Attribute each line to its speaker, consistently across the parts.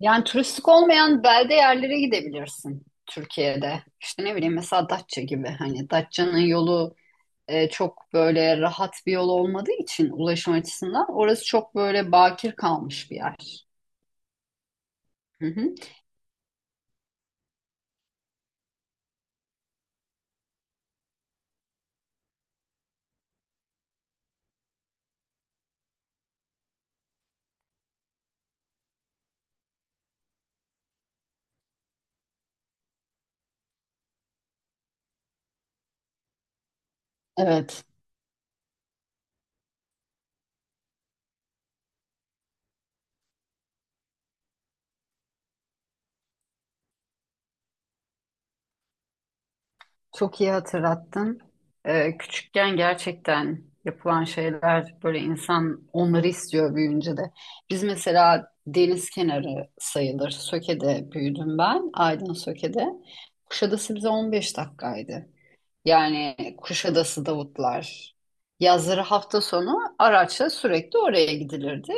Speaker 1: Yani turistik olmayan belde yerlere gidebilirsin Türkiye'de. İşte ne bileyim mesela Datça gibi. Hani Datça'nın yolu çok böyle rahat bir yol olmadığı için ulaşım açısından orası çok böyle bakir kalmış bir yer. Hı hı. Evet. Çok iyi hatırlattın. Küçükken gerçekten yapılan şeyler böyle insan onları istiyor büyüyünce de. Biz mesela deniz kenarı sayılır. Söke'de büyüdüm ben. Aydın Söke'de. Kuşadası bize 15 dakikaydı. Yani Kuşadası Davutlar. Yazları hafta sonu araçla sürekli oraya gidilirdi.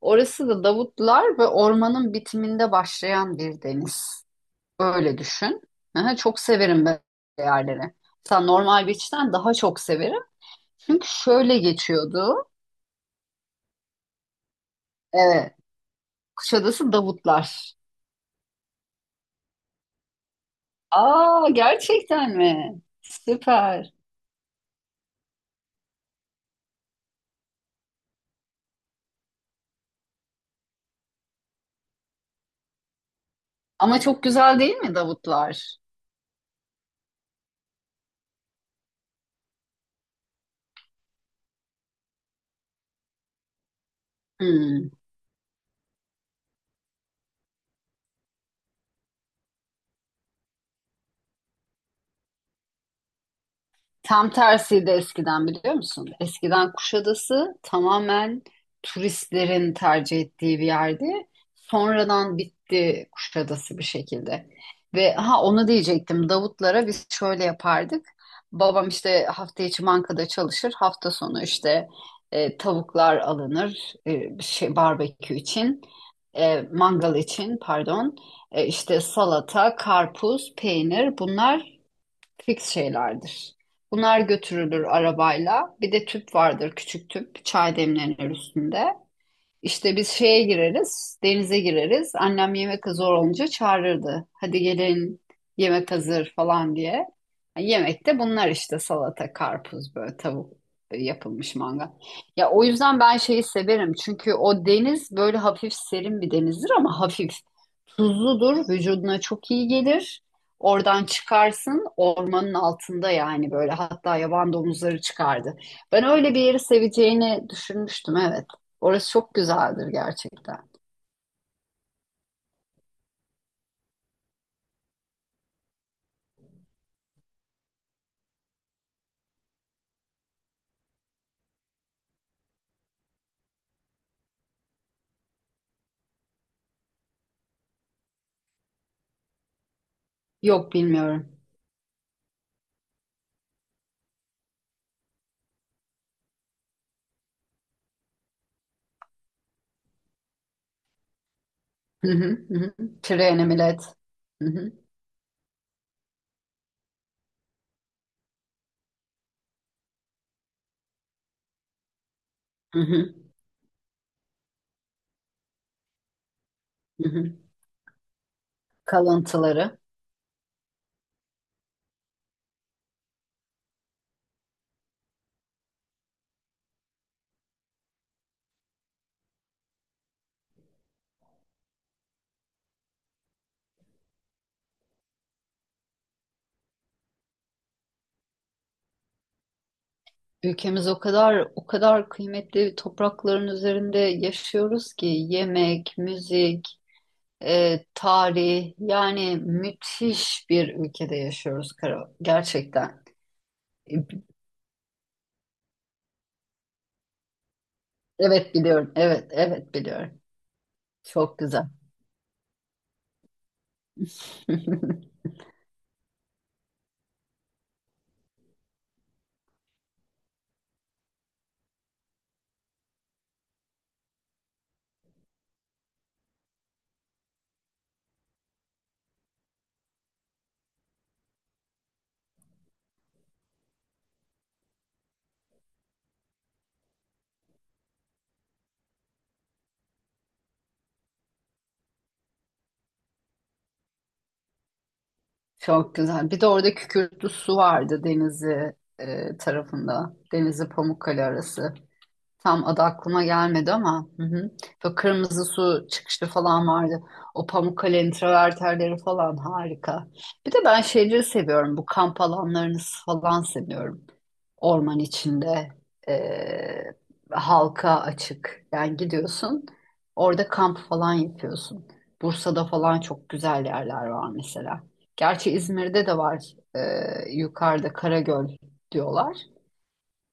Speaker 1: Orası da Davutlar ve ormanın bitiminde başlayan bir deniz. Öyle düşün. Aha, çok severim böyle yerleri. Mesela normal beach'ten daha çok severim. Çünkü şöyle geçiyordu. Evet. Kuşadası Davutlar. Aa gerçekten mi? Süper. Ama çok güzel değil mi Davutlar? Hmm. Tam tersiydi eskiden biliyor musun? Eskiden Kuşadası tamamen turistlerin tercih ettiği bir yerdi. Sonradan bitti Kuşadası bir şekilde. Ve ha onu diyecektim. Davutlara biz şöyle yapardık. Babam işte hafta içi bankada çalışır. Hafta sonu işte tavuklar alınır şey barbekü için. Mangal için pardon. İşte salata, karpuz, peynir bunlar fix şeylerdir. Bunlar götürülür arabayla. Bir de tüp vardır, küçük tüp, çay demlenir üstünde. İşte biz şeye gireriz, denize gireriz. Annem yemek zor olunca çağırırdı. Hadi gelin yemek hazır falan diye. Yemekte bunlar işte salata, karpuz, böyle tavuk yapılmış mangal. Ya o yüzden ben şeyi severim. Çünkü o deniz böyle hafif serin bir denizdir ama hafif tuzludur. Vücuduna çok iyi gelir. Oradan çıkarsın ormanın altında yani böyle hatta yaban domuzları çıkardı. Ben öyle bir yeri seveceğini düşünmüştüm evet. Orası çok güzeldir gerçekten. Yok bilmiyorum. Hı hı, hı hı. Treni millet. Hı hı, hı hı, hı hı. Kalıntıları. Ülkemiz o kadar o kadar kıymetli toprakların üzerinde yaşıyoruz ki yemek, müzik, tarih yani müthiş bir ülkede yaşıyoruz Karo. Gerçekten. E, Evet biliyorum. Evet, evet biliyorum. Çok güzel. Çok güzel. Bir de orada Kükürtlü Su vardı Denizli tarafında. Denizli Pamukkale arası. Tam adı aklıma gelmedi ama hı hı. Böyle kırmızı su çıkışı falan vardı. O Pamukkale'nin travertenleri falan harika. Bir de ben şeyleri seviyorum. Bu kamp alanlarını falan seviyorum orman içinde e, halka açık. Yani gidiyorsun orada kamp falan yapıyorsun. Bursa'da falan çok güzel yerler var mesela. Gerçi İzmir'de de var yukarıda Karagöl diyorlar.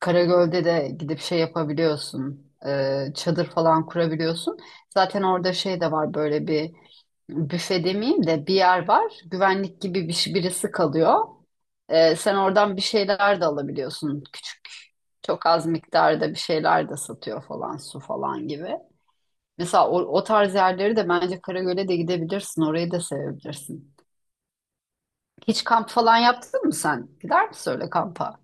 Speaker 1: Karagöl'de de gidip şey yapabiliyorsun. Çadır falan kurabiliyorsun. Zaten orada şey de var böyle bir büfe demeyeyim de bir yer var. Güvenlik gibi birisi kalıyor. Sen oradan bir şeyler de alabiliyorsun. Küçük çok az miktarda bir şeyler de satıyor falan su falan gibi. Mesela o tarz yerleri de bence Karagöl'e de gidebilirsin. Orayı da sevebilirsin. Hiç kamp falan yaptın mı sen? Gider misin öyle kampa?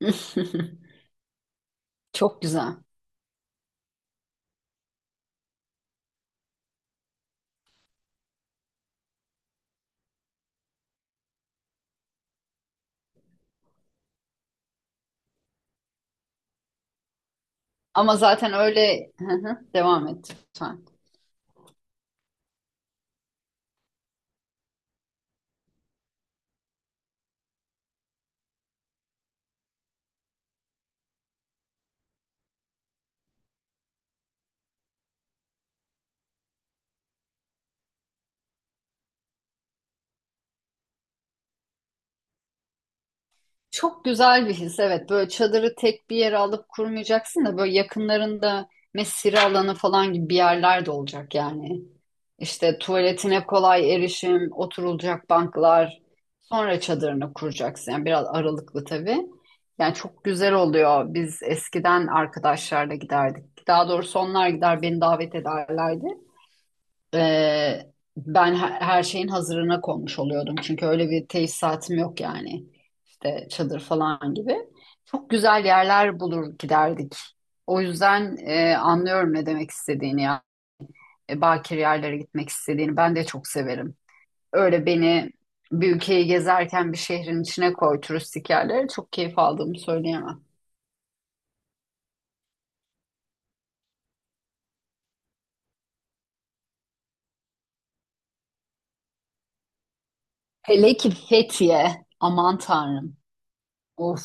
Speaker 1: Çok güzel. Ama zaten öyle. Hı hı, devam et lütfen. Çok güzel bir his evet, böyle çadırı tek bir yere alıp kurmayacaksın da böyle yakınlarında mesire alanı falan gibi bir yerler de olacak yani. İşte tuvaletine kolay erişim, oturulacak banklar, sonra çadırını kuracaksın. Yani biraz aralıklı tabii. Yani çok güzel oluyor. Biz eskiden arkadaşlarla giderdik. Daha doğrusu onlar gider beni davet ederlerdi. Ben her şeyin hazırına konmuş oluyordum. Çünkü öyle bir tesisatım yok yani. İşte çadır falan gibi. Çok güzel yerler bulur giderdik. O yüzden anlıyorum ne demek istediğini ya. Bakir yerlere gitmek istediğini ben de çok severim. Öyle beni bir ülkeyi gezerken bir şehrin içine koy turistik yerlere çok keyif aldığımı söyleyemem. Hele ki Fethiye. Aman Tanrım. Of,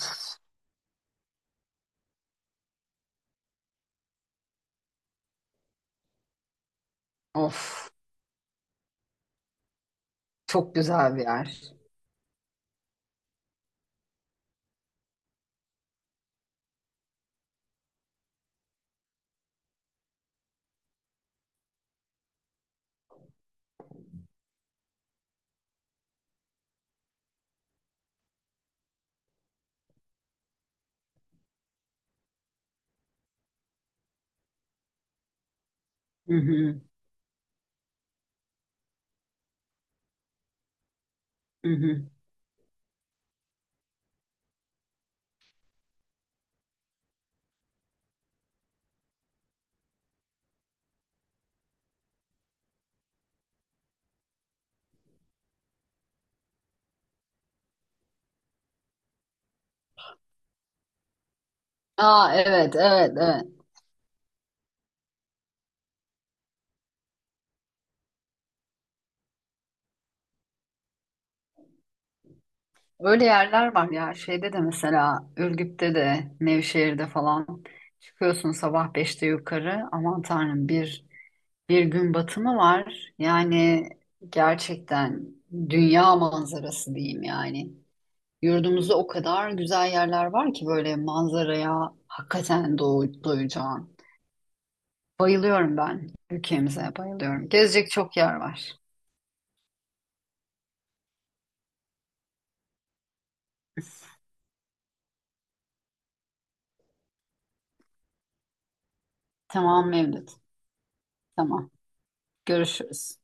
Speaker 1: of. Çok güzel bir yer. Hı hı, hı hı. Aa evet evet evet. Öyle yerler var ya şeyde de mesela Ürgüp'te de Nevşehir'de falan çıkıyorsun sabah beşte yukarı, aman tanrım, bir gün batımı var. Yani gerçekten dünya manzarası diyeyim yani. Yurdumuzda o kadar güzel yerler var ki böyle manzaraya hakikaten doy doyacağın. Bayılıyorum ben, ülkemize bayılıyorum. Gezecek çok yer var. Tamam Mevlüt. Tamam. Görüşürüz.